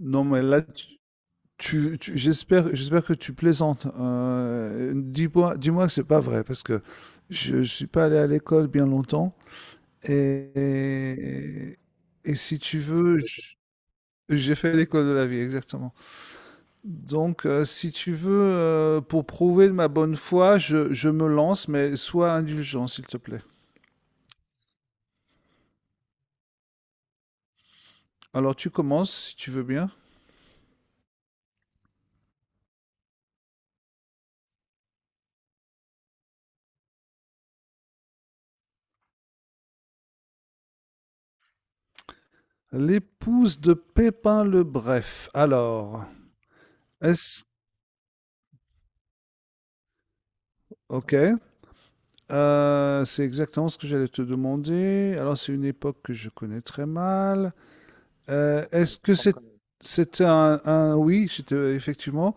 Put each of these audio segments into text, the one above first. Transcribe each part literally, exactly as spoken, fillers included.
Non, mais là, tu, tu- tu- j'espère, j'espère que tu plaisantes. Euh, dis-moi, dis-moi que c'est pas vrai, parce que je, je suis pas allé à l'école bien longtemps. Et, et, et si tu veux, je- j'ai fait l'école de la vie, exactement. Donc, euh, si tu veux, euh, pour prouver ma bonne foi, je, je me lance, mais sois indulgent, s'il te plaît. Alors, tu commences, si tu veux bien. L'épouse de Pépin le Bref. Alors, est-ce... Ok. Euh, c'est exactement ce que j'allais te demander. Alors, c'est une époque que je connais très mal. Euh, est-ce que c'est, c'était un, un- oui, c'était effectivement.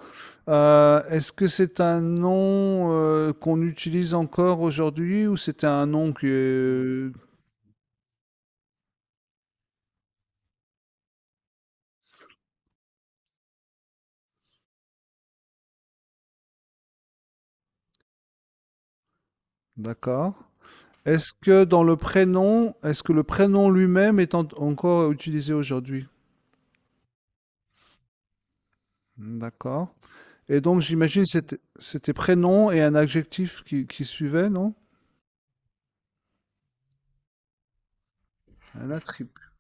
Euh, est-ce que c'est un nom euh, qu'on utilise encore aujourd'hui, ou c'était un nom que. D'accord. Est-ce que dans le prénom, est-ce que le prénom lui-même est en- encore utilisé aujourd'hui? D'accord. Et donc, j'imagine c'était c'était prénom et un adjectif qui, qui suivait, non? Un attribut.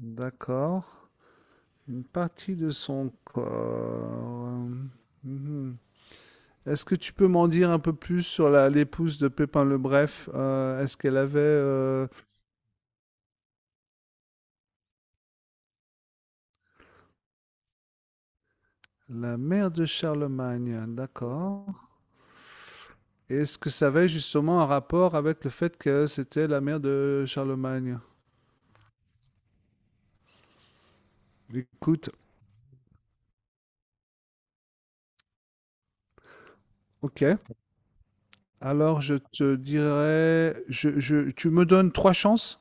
D'accord. Une partie de son corps. Mhm. Est-ce que tu peux m'en dire un peu plus sur la- l'épouse de Pépin le Bref? Euh, est-ce qu'elle avait euh, la mère de Charlemagne? D'accord. Et est-ce que ça avait justement un rapport avec le fait que c'était la mère de Charlemagne? Écoute, ok. Alors je te dirais, je, je- tu me donnes trois chances.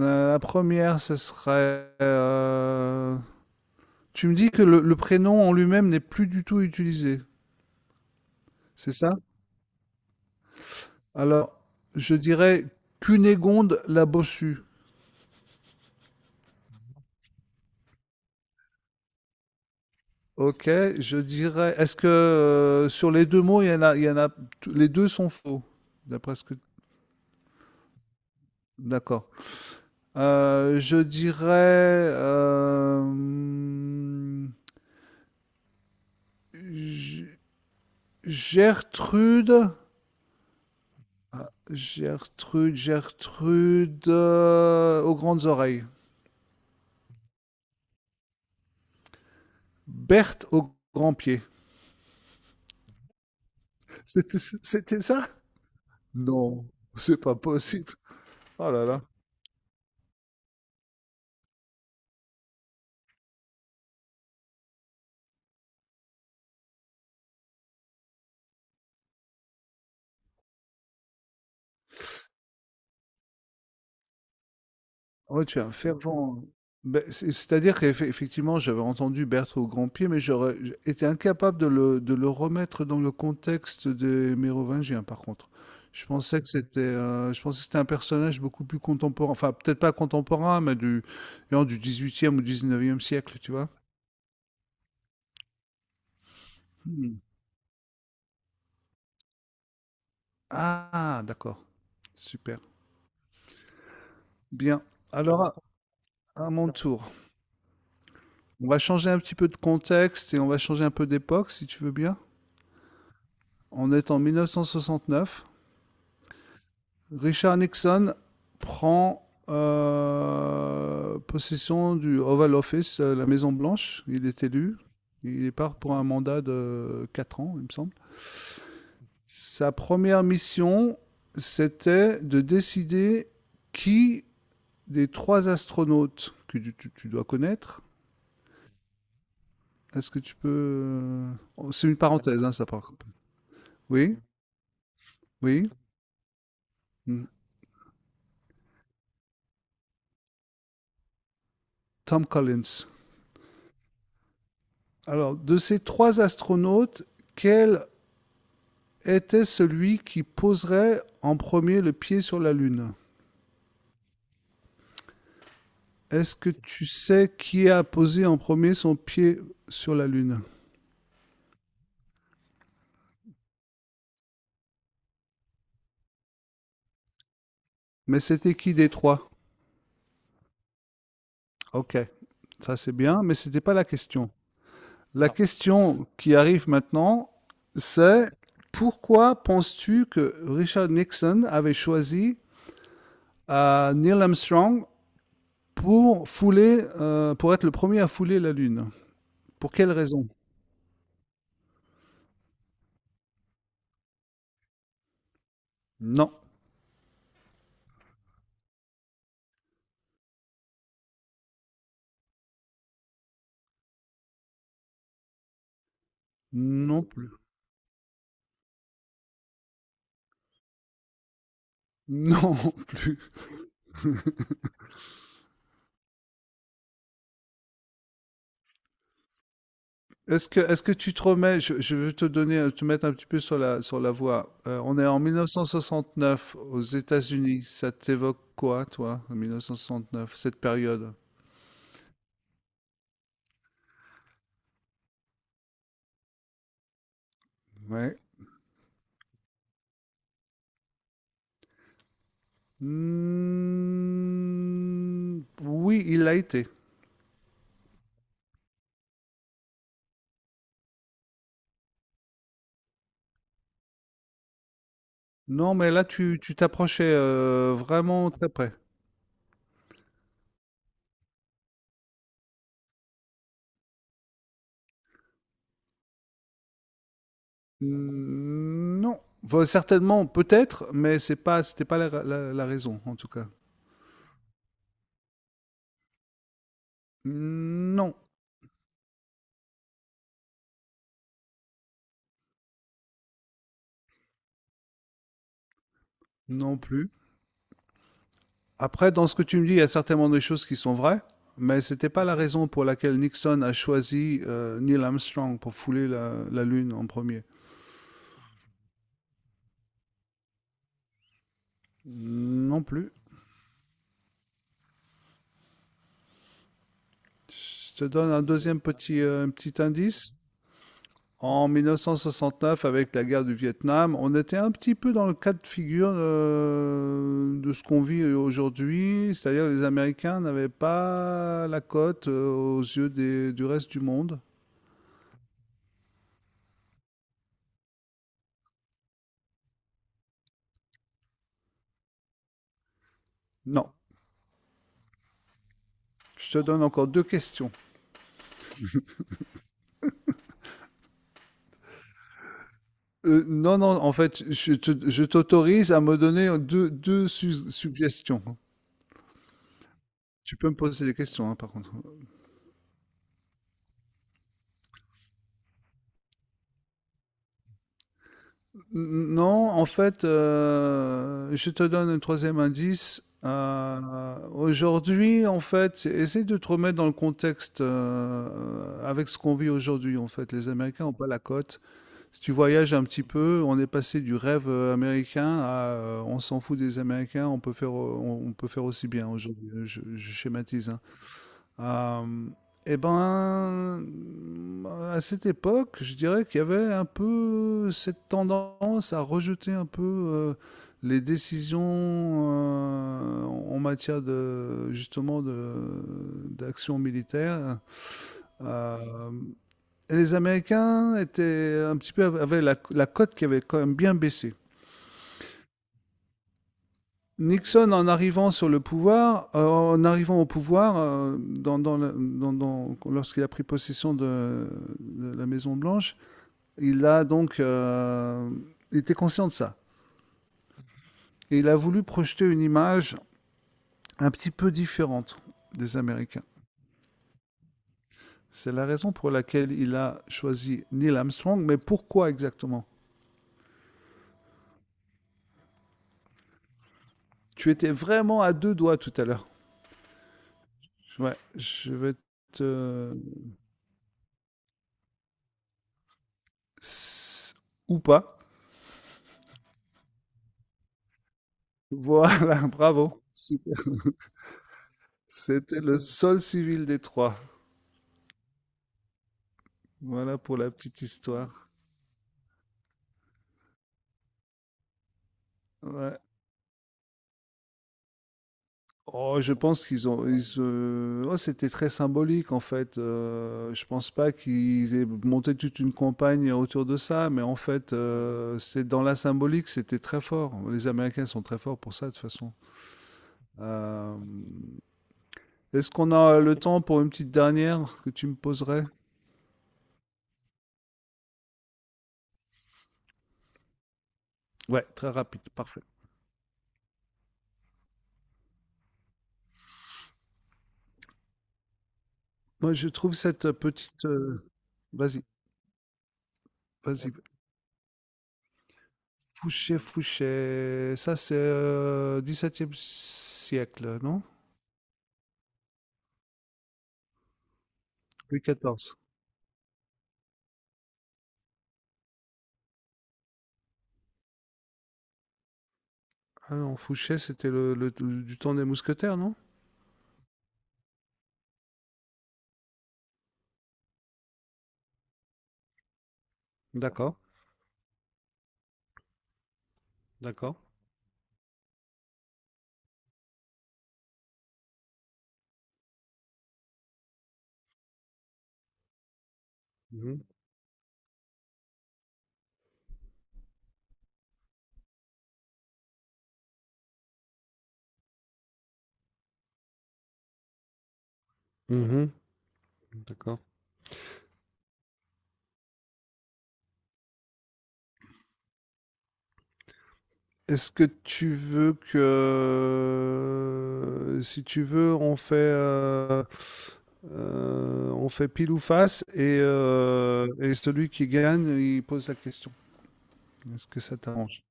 Euh, la première, ce serait, euh, tu me dis que le, le prénom en lui-même n'est plus du tout utilisé, c'est ça? Alors, je dirais Cunégonde la bossue. Ok, je dirais. Est-ce que euh, sur les deux mots, il y en a, il y en a, t- les deux sont faux, d'après ce que. D'accord. Euh, je dirais euh, hum, G- Gertrude. Ah, Gertrude, Gertrude euh, aux grandes oreilles. Berthe aux grands pieds. C'était c'était ça? Non, c'est pas possible. Oh là là. Ouais, tu es un fervent. Ben, c'est- C'est-à-dire qu'effectivement, j'avais entendu Berthe au Grand-Pied, mais j'aurais j'- été incapable de le, de le remettre dans le contexte des Mérovingiens, par contre. Je pensais que c'était euh, je pensais que c'était un personnage beaucoup plus contemporain, enfin peut-être pas contemporain, mais du, non, du dix-huitième ou dix-neuvième siècle, tu vois. Hmm. Ah, d'accord. Super. Bien. Alors, à à mon tour. On va changer un petit peu de contexte et on va changer un peu d'époque, si tu veux bien. On est en mille neuf cent soixante-neuf. Richard Nixon prend euh, possession du Oval Office, euh, la Maison Blanche. Il est élu. Il part pour un mandat de quatre ans, il me semble. Sa première mission, c'était de décider qui des trois astronautes que tu, tu- tu dois connaître. Est-ce que tu peux... euh, C'est une parenthèse, hein, ça par. Oui, oui. Hmm. Tom Collins. Alors, de ces trois astronautes, quel était celui qui poserait en premier le pied sur la Lune? Est-ce que tu sais qui a posé en premier son pied sur la Lune? Mais c'était qui des trois? Ok, ça c'est bien, mais c'était pas la question. La question qui arrive maintenant, c'est pourquoi penses-tu que Richard Nixon avait choisi euh, Neil Armstrong pour fouler, euh, pour être le premier à fouler la Lune. Pour quelle raison? Non, non plus. Non plus. Est-ce que, est-ce que tu te remets, je, je vais te donner, te mettre un petit peu sur la, sur la voie. Euh, on est en mille neuf cent soixante-neuf aux États-Unis. Ça t'évoque quoi, toi, en mille neuf cent soixante-neuf, cette période? Ouais. Hmm, oui, il l'a été. Non, mais là, tu, tu t'approchais euh, vraiment très près. Mmh, non. Enfin, certainement, peut-être, mais c'est pas, c'était pas la, la- la raison, en tout cas. Non, non plus. Après, dans ce que tu me dis, il y a certainement des choses qui sont vraies, mais c'était pas la raison pour laquelle Nixon a choisi euh, Neil Armstrong pour fouler la, la Lune en premier. Non plus. Je te donne un deuxième petit, euh, petit indice. En mille neuf cent soixante-neuf, avec la guerre du Vietnam, on était un petit peu dans le cas de figure de, de ce qu'on vit aujourd'hui, c'est-à-dire que les Américains n'avaient pas la cote euh, aux yeux des- du reste du monde. Non, je te donne encore deux questions. Euh, non, non, en fait, je te- je t'autorise à me donner deux, deux su- suggestions. Tu peux me poser des questions, hein, par contre. Non, en fait, euh, je te donne un troisième indice. Euh, aujourd'hui, en fait, essaie de te remettre dans le contexte euh, avec ce qu'on vit aujourd'hui. En fait, les Américains n'ont pas la cote. Si tu voyages un petit peu, on est passé du rêve euh, américain à euh, on s'en fout des Américains, on peut faire, euh, on, on peut faire aussi bien aujourd'hui. Je, je schématise, hein. Euh, eh ben, à cette époque, je dirais qu'il y avait un peu cette tendance à rejeter un peu euh, les décisions euh, en matière de justement de d'action militaire. Euh, et les Américains étaient un petit peu avaient la, la cote qui avait quand même bien baissé. Nixon, en arrivant sur le pouvoir, euh, en arrivant au pouvoir, euh, dans- dans dans- dans- lorsqu'il a pris possession de, de la Maison Blanche, il a donc, euh, il était conscient de ça, et il a voulu projeter une image un petit peu différente des Américains. C'est la raison pour laquelle il a choisi Neil Armstrong, mais pourquoi exactement? Tu étais vraiment à deux doigts tout à l'heure. Ouais, je vais te... ou pas. Voilà, bravo. Super. C'était le seul civil des trois. Voilà pour la petite histoire. Ouais. Oh, je pense qu'ils ont, ils, euh, oh, c'était très symbolique en fait. Euh, je pense pas qu'ils aient monté toute une campagne autour de ça, mais en fait, euh, c'est dans la symbolique, c'était très fort. Les Américains sont très forts pour ça de toute façon. Euh, est-ce qu'on a le temps pour une petite dernière que tu me poserais? Ouais, très rapide, parfait. Moi, je trouve cette petite. Euh, Vas-y, vas-y. Fouché, Fouché. Ça, c'est euh, dix-septième siècle, non? Louis quatorze. Ah non, Fouché, c'était le, le- le- du temps des mousquetaires, non? D'accord, d'accord. Mhm, d'accord. Est-ce que tu veux que, euh, si tu veux, on fait, euh, euh, on fait pile ou face et, euh, et celui qui gagne, il pose la question. Est-ce que ça t'arrange?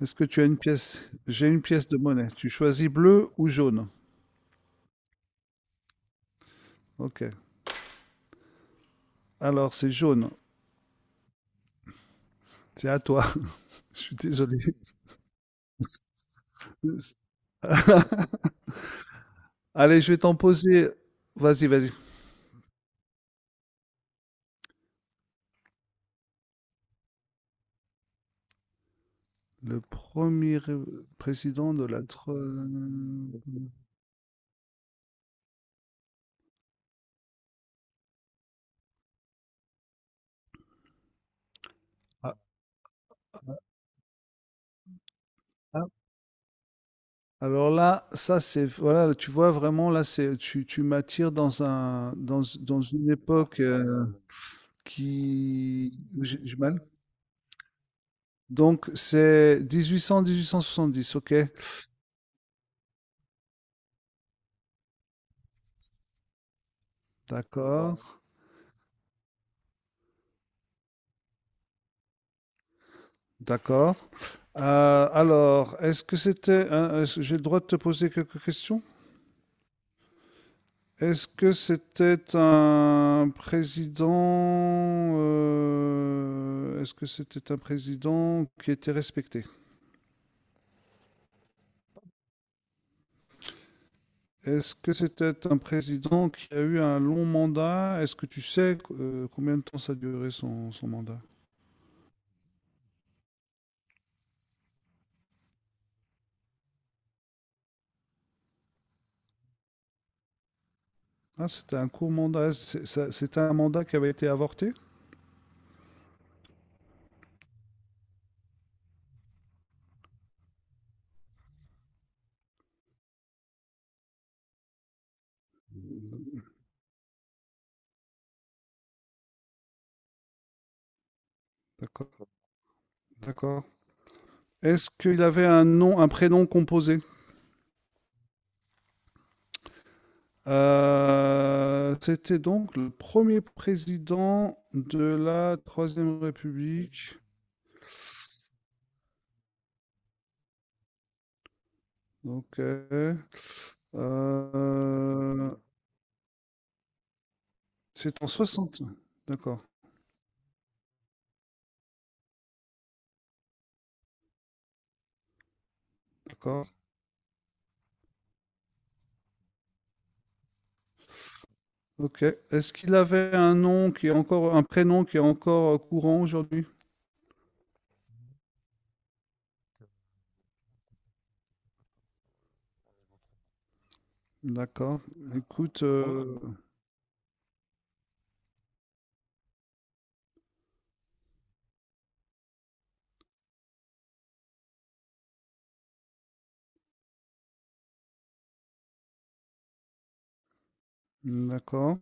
Est-ce que tu as une pièce? J'ai une pièce de monnaie. Tu choisis bleu ou jaune? Ok. Alors, c'est jaune. C'est à toi. Je suis désolé. Allez, je vais t'en poser. Vas-y, vas-y. Le premier ré- président de la, tro- ah, ah. Alors là, ça c'est voilà, tu vois vraiment là c'est tu, tu m'attires dans un dans, dans une époque euh, qui j'ai j'ai mal. Donc c'est dix-huit cents mille huit cent soixante-dix, ok, d'accord. D'accord. Euh, alors, est-ce que c'était un- est-ce- j'ai le droit de te poser quelques questions? Est-ce que c'était un président euh, est-ce que c'était un président qui était respecté? Est-ce que c'était un président qui a eu un long mandat? Est-ce que tu sais euh, combien de temps ça a duré son, son mandat? Ah, c'était un court mandat. C'est- ça- C'était un mandat qui avait été avorté? D'accord, d'accord. Est-ce qu'il avait un nom, un prénom composé? Euh, c'était donc le premier président de la Troisième République. Donc, euh, euh, c'est en soixante. D'accord, d'accord. Ok. Est-ce qu'il avait un nom qui est encore, un prénom qui est encore euh, courant aujourd'hui? D'accord. Écoute, euh, d'accord.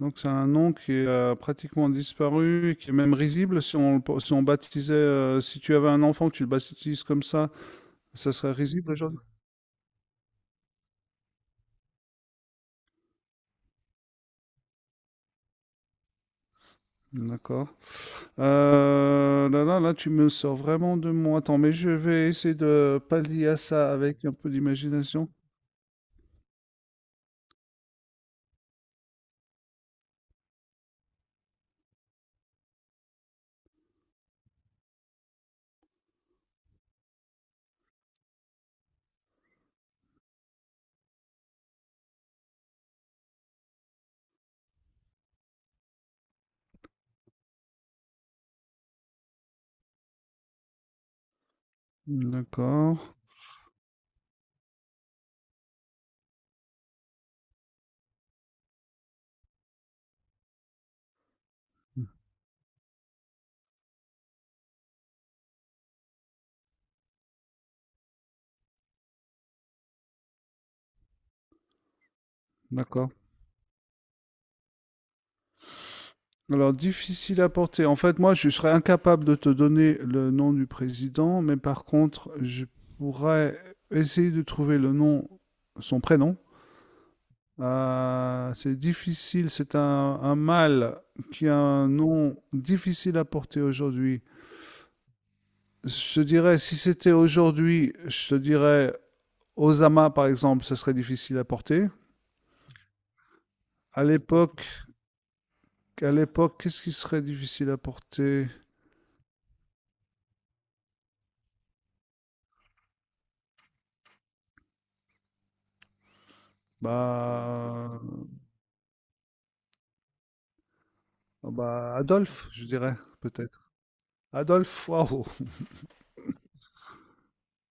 Donc c'est un nom qui est euh, pratiquement disparu et qui est même risible. Si on, le- si on baptisait, euh, si tu avais un enfant, tu le baptises comme ça, ça serait risible aujourd'hui? D'accord. Euh, là, là, là, tu me sors vraiment de mon. Attends, mais je vais essayer de pallier à ça avec un peu d'imagination. D'accord. D'accord. Alors, difficile à porter. En fait, moi, je serais incapable de te donner le nom du président, mais par contre, je pourrais essayer de trouver le nom, son prénom. Euh, c'est difficile, c'est un, un mâle qui a un nom difficile à porter aujourd'hui. Je te dirais, si c'était aujourd'hui, je te dirais Osama, par exemple, ce serait difficile à porter. À l'époque, à l'époque, qu'est-ce qui serait difficile à porter? Bah, ah bah, Adolphe, je dirais, peut-être. Adolphe, waouh.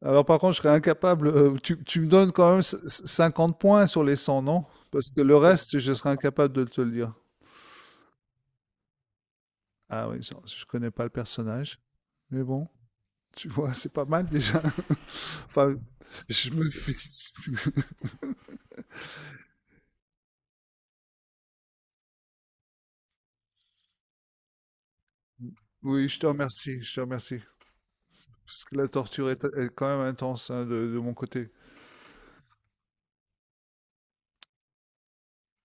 Alors, par contre, je serais incapable. euh, tu, tu me donnes quand même c- c- cinquante points sur les cent, non? Parce que le reste, je serais incapable de te le dire. Ah oui, ça, je connais pas le personnage. Mais bon, tu vois, c'est pas mal déjà. Enfin, je me félicite. Oui, je te remercie, je te remercie. Parce que la torture est, est quand même intense hein, de de mon côté.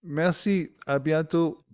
Merci, à bientôt.